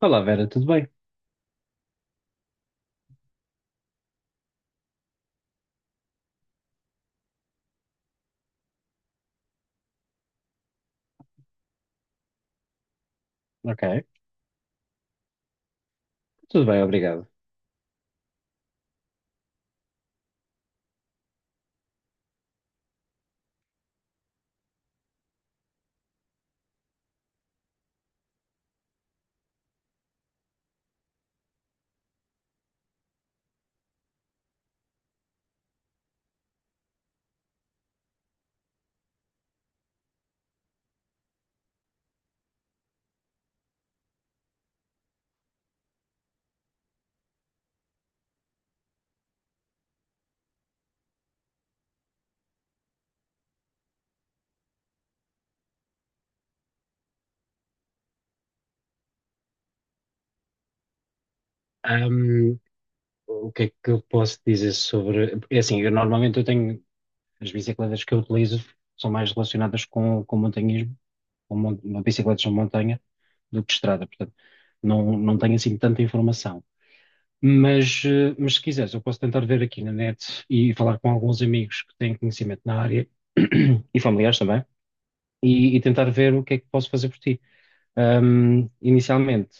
Olá, Vera, tudo bem? Ok, tudo bem, obrigado. Ahm, o que é que eu posso dizer sobre. É assim, eu normalmente eu tenho. As bicicletas que eu utilizo são mais relacionadas com montanhismo, com bicicletas de montanha, do que estrada, portanto, não tenho assim tanta informação. Mas, mas se quiseres, eu posso tentar ver aqui na net e falar com alguns amigos que têm conhecimento na área e familiares também, e tentar ver o que é que posso fazer por ti. Inicialmente,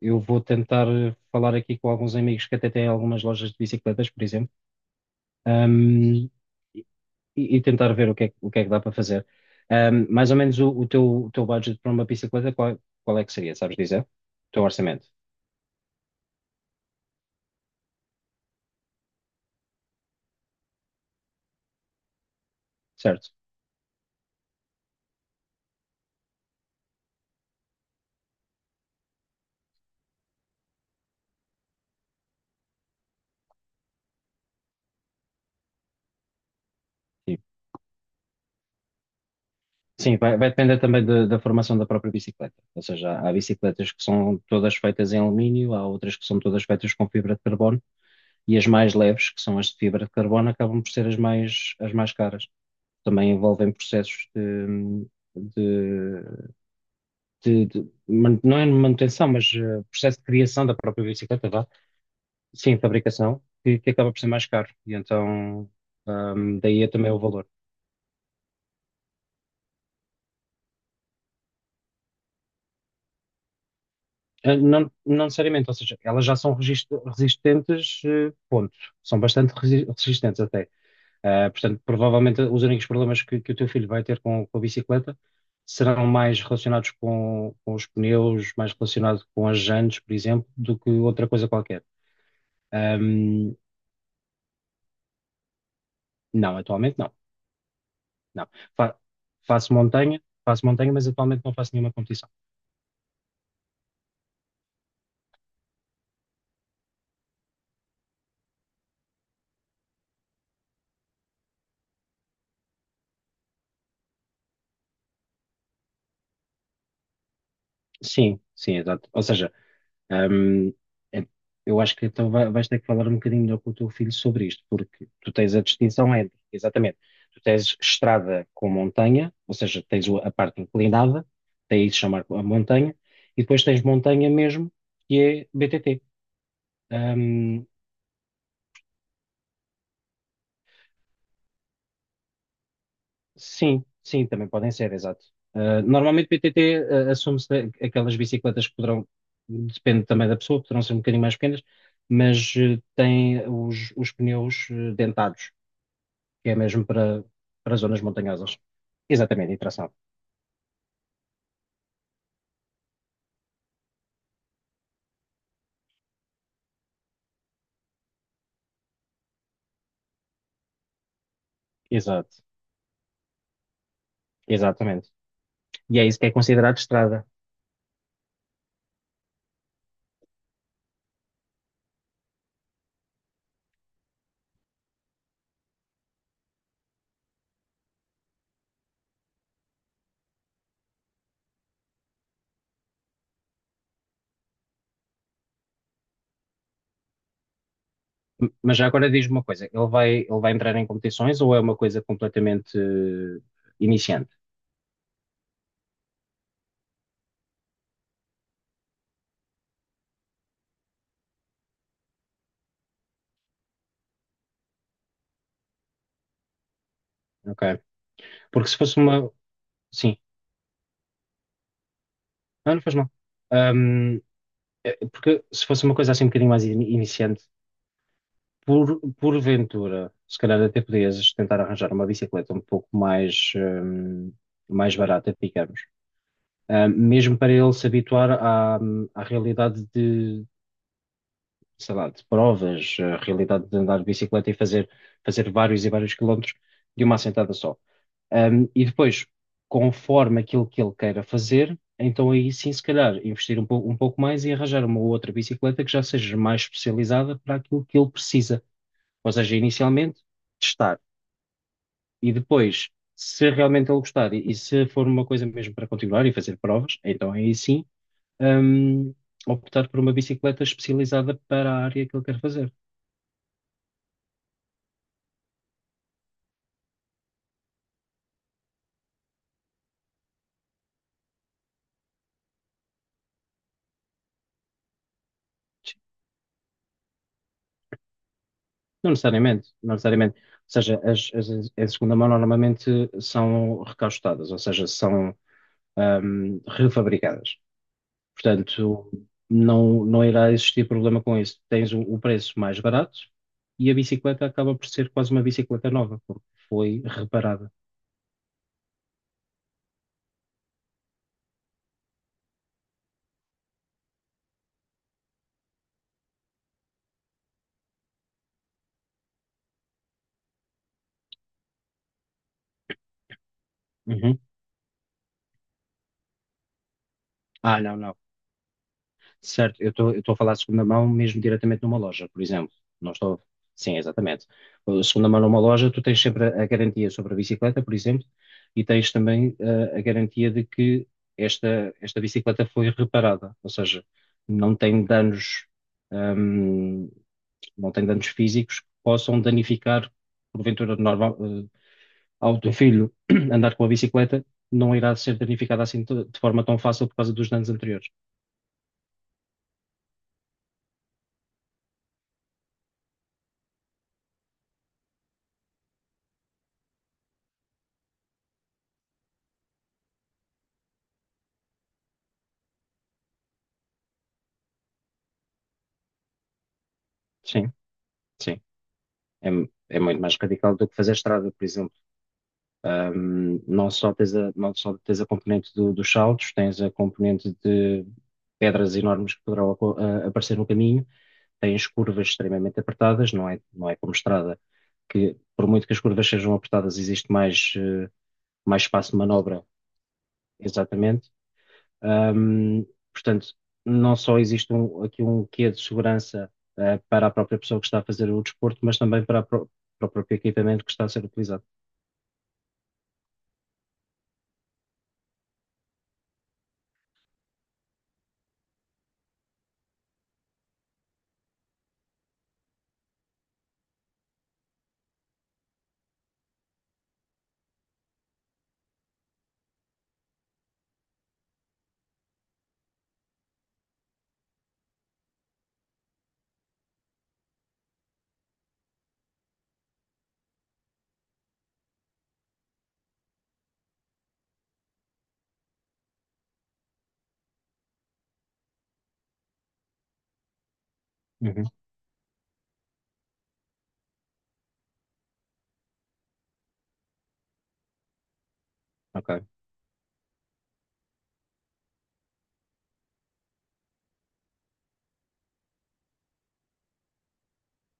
eu vou tentar falar aqui com alguns amigos que até têm algumas lojas de bicicletas, por exemplo, ahm, e tentar ver o que é, o que é que dá para fazer. Mais ou menos o teu, o teu budget para uma bicicleta, qual, qual é que seria, sabes dizer? O teu orçamento, certo? Sim. Sim, vai depender também da formação da própria bicicleta. Ou seja, há bicicletas que são todas feitas em alumínio, há outras que são todas feitas com fibra de carbono, e as mais leves, que são as de fibra de carbono, acabam por ser as mais caras. Também envolvem processos de, de não é manutenção, mas processo de criação da própria bicicleta, vá. Sim, fabricação, que acaba por ser mais caro. E então, daí é também o valor. Não, não necessariamente, ou seja, elas já são resistentes, ponto. São bastante resistentes até. Ah, portanto, provavelmente os únicos problemas que o teu filho vai ter com a bicicleta serão mais relacionados com os pneus, mais relacionado com as jantes, por exemplo, do que outra coisa qualquer. Ahm, não, atualmente não. Não. Fa- faço montanha, mas atualmente não faço nenhuma competição. Sim, sim, exato. Ou seja, Ahm, é- eu acho que então vais ter que falar um bocadinho melhor com o teu filho sobre isto, porque tu tens a distinção entre, exatamente, tu tens estrada com montanha, ou seja, tens a parte inclinada, daí se chamar a montanha, e depois tens montanha mesmo, que é BTT. Ahm, sim, sim, também podem ser, exato. Ah, normalmente BTT, ah, assume-se aquelas bicicletas que poderão, depende também da pessoa, poderão ser um bocadinho mais pequenas, mas têm os pneus dentados. Que é mesmo para, para zonas montanhosas. Exatamente, e tração. Exato, exatamente. E é isso que é considerado estrada. Mas já agora diz-me uma coisa, ele vai entrar em competições ou é uma coisa completamente iniciante? Ok. Porque se fosse uma. Sim, não, não faz mal. Ahm, porque se fosse uma coisa assim um bocadinho mais iniciante, por, porventura, se calhar até podias tentar arranjar uma bicicleta um pouco mais, mais barata, digamos, Mesmo para ele se habituar à, à realidade de, sei lá, de provas, a realidade de andar de bicicleta e fazer, fazer vários e vários quilómetros de uma assentada só. E depois, conforme aquilo que ele queira fazer, então aí sim, se calhar, investir um pouco mais e arranjar uma outra bicicleta que já seja mais especializada para aquilo que ele precisa. Ou seja, inicialmente testar e depois, se realmente ele gostar e se for uma coisa mesmo para continuar e fazer provas, então aí sim, hum, optar por uma bicicleta especializada para a área que ele quer fazer. Não necessariamente, não necessariamente. Ou seja, as de segunda mão normalmente são recastadas, ou seja, são refabricadas. Portanto, não irá existir problema com isso. Tens o preço mais barato e a bicicleta acaba por ser quase uma bicicleta nova, porque foi reparada. Uhum. Ah, não, não. Certo, eu estou a falar de segunda mão mesmo diretamente numa loja, por exemplo. Não estou. Sim, exatamente. Segunda mão numa loja, tu tens sempre a garantia sobre a bicicleta, por exemplo, e tens também a garantia de que esta bicicleta foi reparada, ou seja, não tem danos ehm, não tem danos físicos que possam danificar, porventura, normal, ao teu filho andar com a bicicleta, não irá ser danificado assim de forma tão fácil por causa dos danos anteriores. Sim, sim. É, é muito mais radical do que fazer estrada, por exemplo. Não só tens a, não só tens a componente dos saltos, tens a componente de pedras enormes que poderão aparecer no caminho, tens curvas extremamente apertadas, não é, não é como estrada, que por muito que as curvas sejam apertadas, existe mais, mais espaço de manobra, exatamente. Ahm, portanto, não só existe aqui um quê de segurança para a própria pessoa que está a fazer o desporto, mas também para, para o próprio equipamento que está a ser utilizado. Uhum, ok.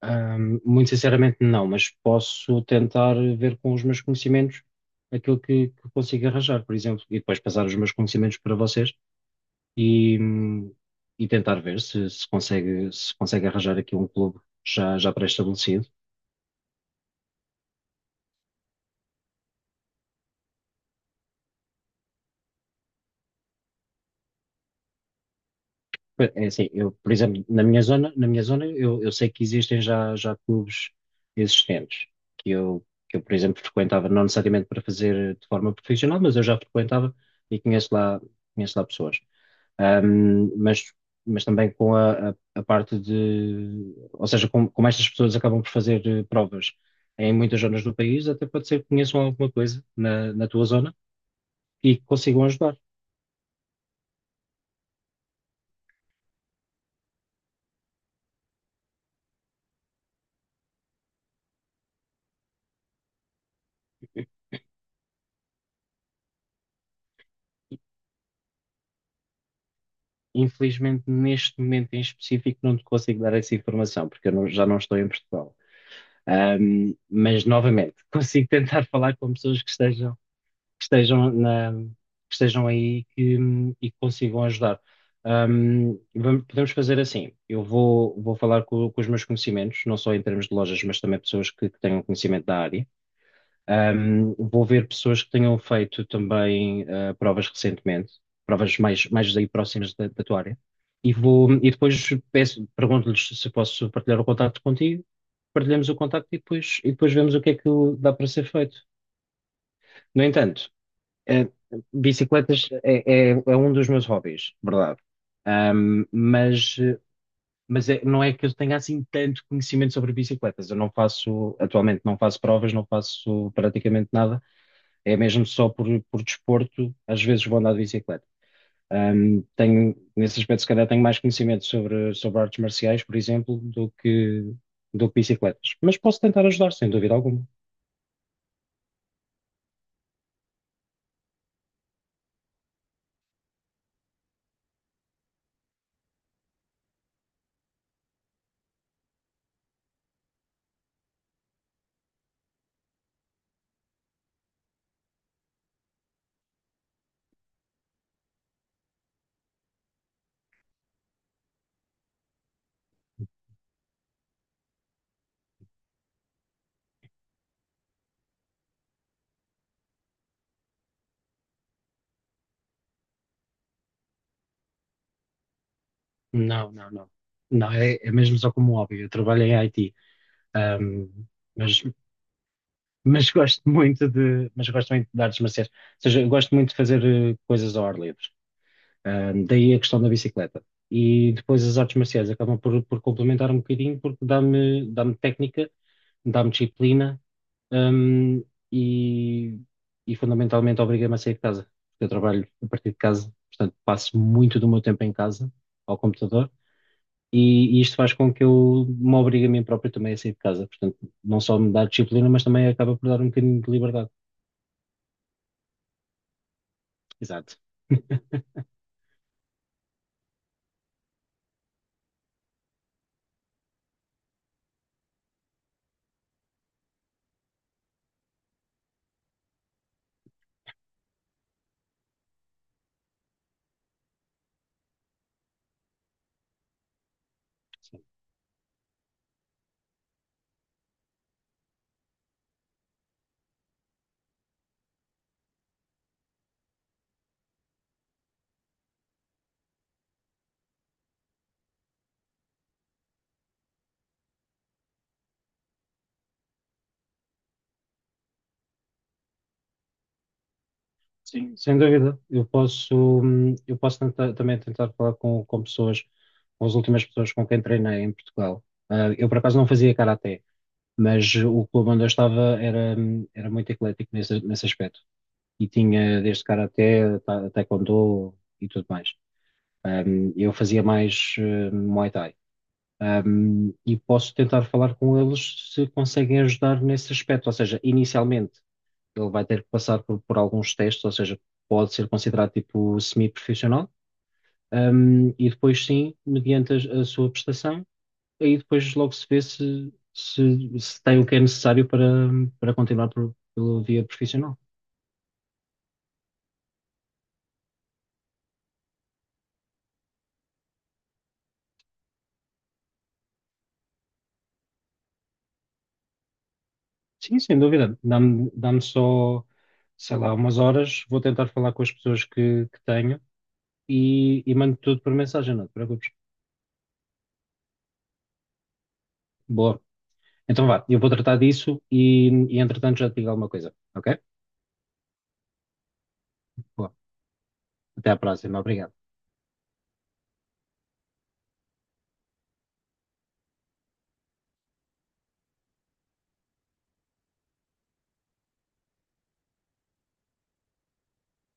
Muito sinceramente, não, mas posso tentar ver com os meus conhecimentos aquilo que consigo arranjar, por exemplo, e depois passar os meus conhecimentos para vocês e, hum, e tentar ver se, se consegue, se consegue arranjar aqui um clube já, já pré-estabelecido. Pois, é assim, eu, por exemplo, na minha zona eu sei que existem já, já clubes existentes, que eu, por exemplo, frequentava, não necessariamente para fazer de forma profissional, mas eu já frequentava e conheço lá pessoas. Ahm, mas, mas também com a parte de, ou seja, como, como estas pessoas acabam por fazer provas em muitas zonas do país, até pode ser que conheçam alguma coisa na, na tua zona e que consigam ajudar. Infelizmente, neste momento em específico, não te consigo dar essa informação, porque eu não- já não estou em Portugal. Mas, novamente, consigo tentar falar com pessoas que estejam, que estejam que estejam aí que, e que consigam ajudar. Podemos fazer assim: eu vou, vou falar com os meus conhecimentos, não só em termos de lojas, mas também pessoas que tenham conhecimento da área. Um, vou ver pessoas que tenham feito também provas recentemente, provas mais, mais aí próximas da, da tua área, e vou, e depois peço, pergunto-lhes se posso partilhar o contacto contigo, partilhamos o contacto e depois vemos o que é que dá para ser feito. No entanto, eh, bicicletas é um dos meus hobbies, verdade. Um, mas não é que eu tenha assim tanto conhecimento sobre bicicletas. Eu não faço, atualmente não faço provas, não faço praticamente nada é mesmo só por desporto, às vezes vou andar de bicicleta. Tenho, nesse aspecto, se calhar, tenho mais conhecimento sobre, sobre artes marciais, por exemplo, do que bicicletas. Mas posso tentar ajudar, sem dúvida alguma. Não, não, não. Não, é, é mesmo só como hobby. Eu trabalho em IT, ahm, mas, mas gosto muito de, mas gosto muito de artes marciais. Ou seja, eu gosto muito de fazer coisas ao ar livre. Daí a questão da bicicleta. E depois as artes marciais acabam por complementar um bocadinho porque dá-me técnica, dá-me disciplina, hum, e, e fundamentalmente obriga-me a sair de casa. Porque eu trabalho a partir de casa, portanto passo muito do meu tempo em casa, ao computador, e isto faz com que eu me obrigue a mim próprio também a sair de casa. Portanto, não só me dá disciplina, mas também acaba por dar um bocadinho de liberdade. Exato. Sim. Sim. Sem dúvida, eu posso também tentar falar com pessoas, com as últimas pessoas com quem treinei em Portugal. Ah, eu, por acaso, não fazia karaté, mas o clube onde eu estava era, era muito eclético nesse, nesse aspecto. E tinha desde karaté, taekwondo e tudo mais. Um, eu fazia mais Muay Thai. Um, e posso tentar falar com eles se conseguem ajudar nesse aspecto. Ou seja, inicialmente ele vai ter que passar por alguns testes, ou seja, pode ser considerado tipo semi-profissional. Um, e depois sim, mediante a sua prestação, aí depois logo se vê se, se, se tem o que é necessário para, para continuar por, pela via profissional. Sim, sem dúvida. Dá-me só, sei lá, umas horas. Vou tentar falar com as pessoas que tenho e mando tudo por mensagem, não te preocupes. Boa. Então vá, eu vou tratar disso e entretanto já te digo alguma coisa, ok? Boa. Até à próxima. Obrigado.